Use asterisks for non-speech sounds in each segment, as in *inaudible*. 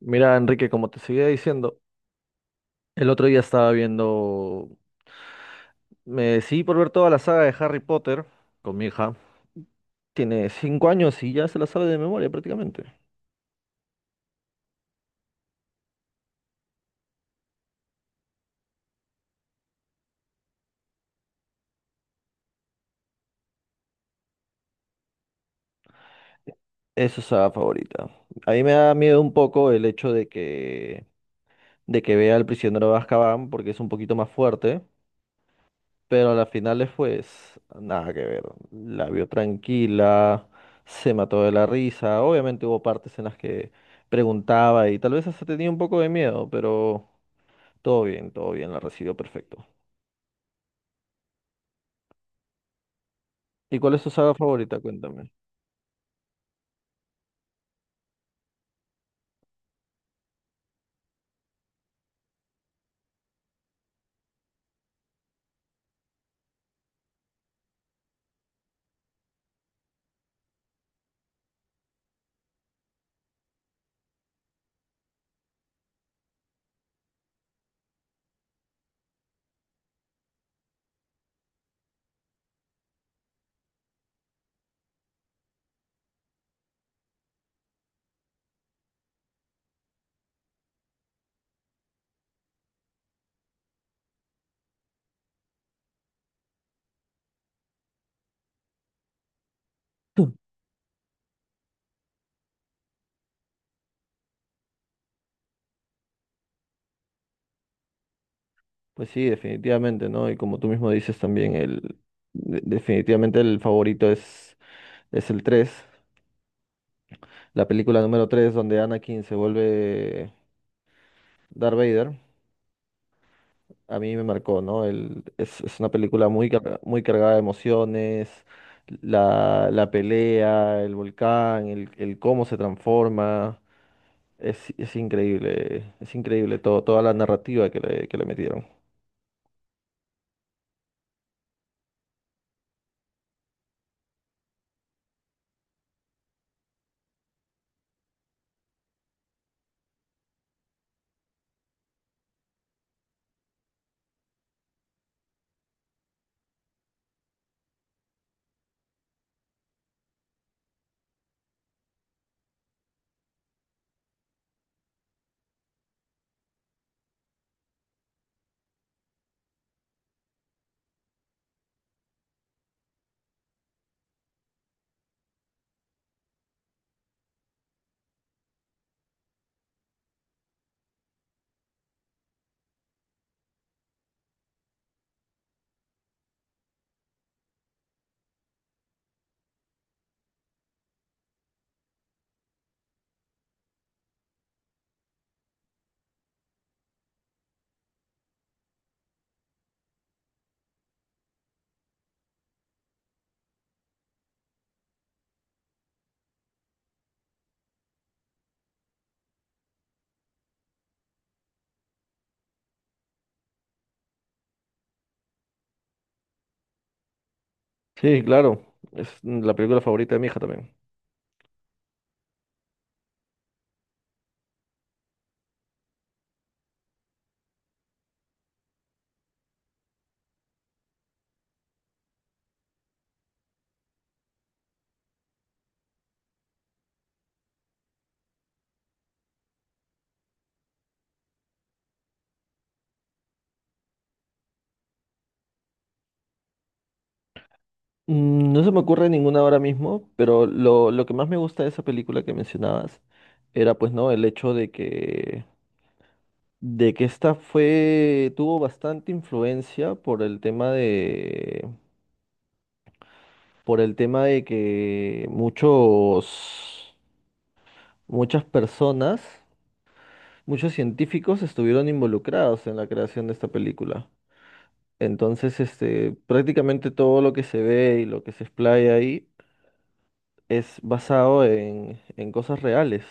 Mira, Enrique, como te seguía diciendo, el otro día estaba viendo, me decidí por ver toda la saga de Harry Potter con mi hija. Tiene 5 años y ya se la sabe de memoria prácticamente. Es su saga favorita. A mí me da miedo un poco el hecho de que vea al prisionero de Azkaban porque es un poquito más fuerte, pero a las finales pues nada que ver. La vio tranquila, se mató de la risa. Obviamente hubo partes en las que preguntaba y tal vez hasta tenía un poco de miedo, pero. Todo bien, la recibió perfecto. ¿Y cuál es tu saga favorita? Cuéntame. *clears throat* Pues sí, definitivamente, ¿no? Y como tú mismo dices también, definitivamente el favorito es el 3, la película número 3 donde Anakin se vuelve Darth Vader. A mí me marcó, ¿no? Es una película muy, muy cargada de emociones, la pelea, el volcán, el cómo se transforma. Es increíble, es increíble todo, toda la narrativa que le metieron. Sí, claro. Es la película favorita de mi hija también. No se me ocurre ninguna ahora mismo, pero lo que más me gusta de esa película que mencionabas era pues no, el hecho de que esta fue tuvo bastante influencia por el tema de que muchos muchas personas, muchos científicos estuvieron involucrados en la creación de esta película. Entonces, este, prácticamente todo lo que se ve y lo que se explaya ahí es basado en cosas reales.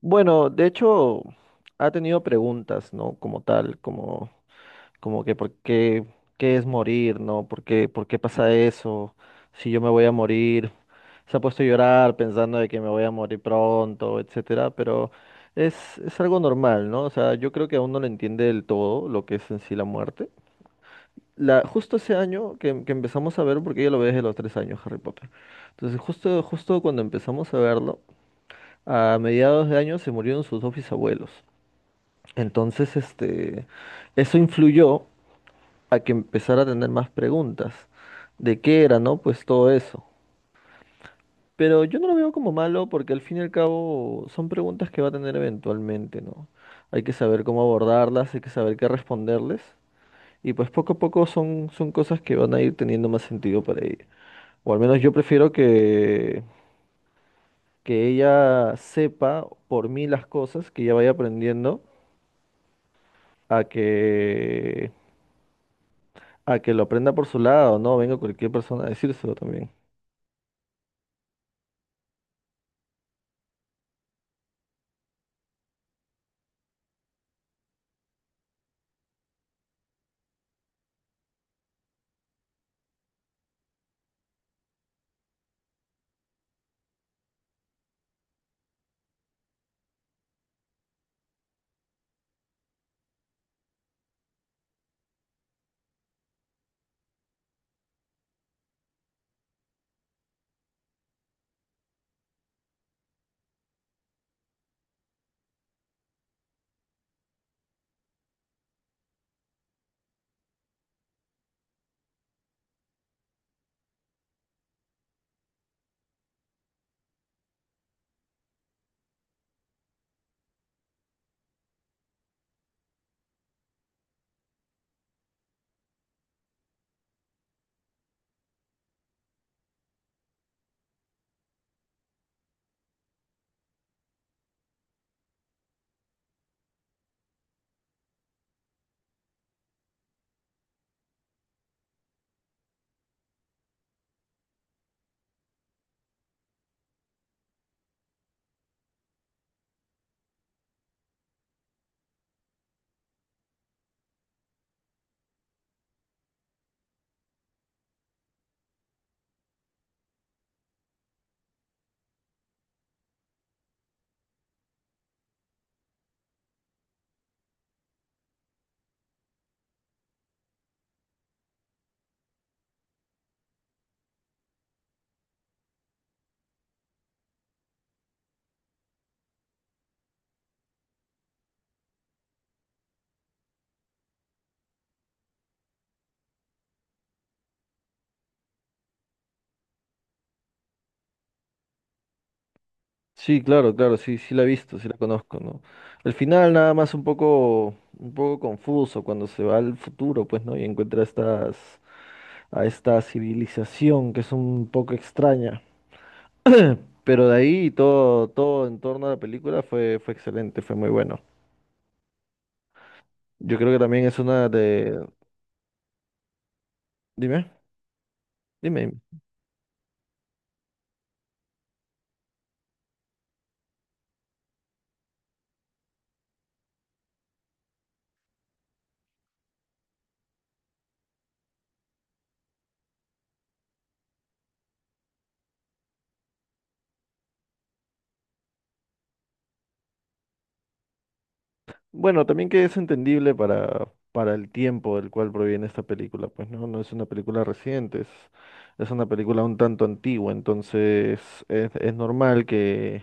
Bueno, de hecho, ha tenido preguntas, ¿no? Como tal, como que por qué, qué es morir, ¿no? ¿Por qué pasa eso? Si yo me voy a morir. Se ha puesto a llorar pensando de que me voy a morir pronto, etcétera, pero es algo normal, ¿no? O sea, yo creo que aún no lo entiende del todo lo que es en sí la muerte. Justo ese año que empezamos a ver, porque yo lo veo desde los 3 años, Harry Potter. Entonces, justo cuando empezamos a verlo, a mediados de año se murieron sus dos bisabuelos. Entonces, este, eso influyó a que empezara a tener más preguntas de qué era, ¿no? Pues todo eso. Pero yo no lo veo como malo porque al fin y al cabo son preguntas que va a tener eventualmente, ¿no? Hay que saber cómo abordarlas, hay que saber qué responderles. Y pues poco a poco son, cosas que van a ir teniendo más sentido para ella. O al menos yo prefiero que ella sepa por mí las cosas, que ella vaya aprendiendo a que, a que lo aprenda por su lado, ¿no? Venga cualquier persona a decírselo también. Sí, claro, claro, sí, sí la he visto, sí la conozco, ¿no? El final nada más un poco confuso cuando se va al futuro, pues, ¿no? Y encuentra a esta civilización que es un poco extraña. Pero de ahí todo en torno a la película fue excelente, fue muy bueno. Yo creo que también es una de. Dime, dime. Bueno, también que es entendible para el tiempo del cual proviene esta película, pues no, no es una película reciente, es una película un tanto antigua, entonces es normal que,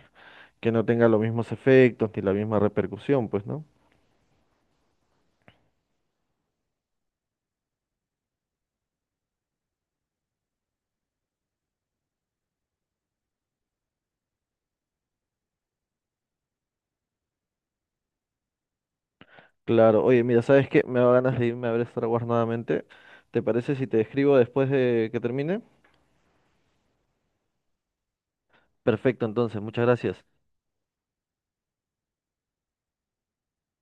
que no tenga los mismos efectos ni la misma repercusión, pues no. Claro, oye, mira, ¿sabes qué? Me da ganas de irme a ver Star Wars nuevamente. ¿Te parece si te escribo después de que termine? Perfecto, entonces, muchas gracias.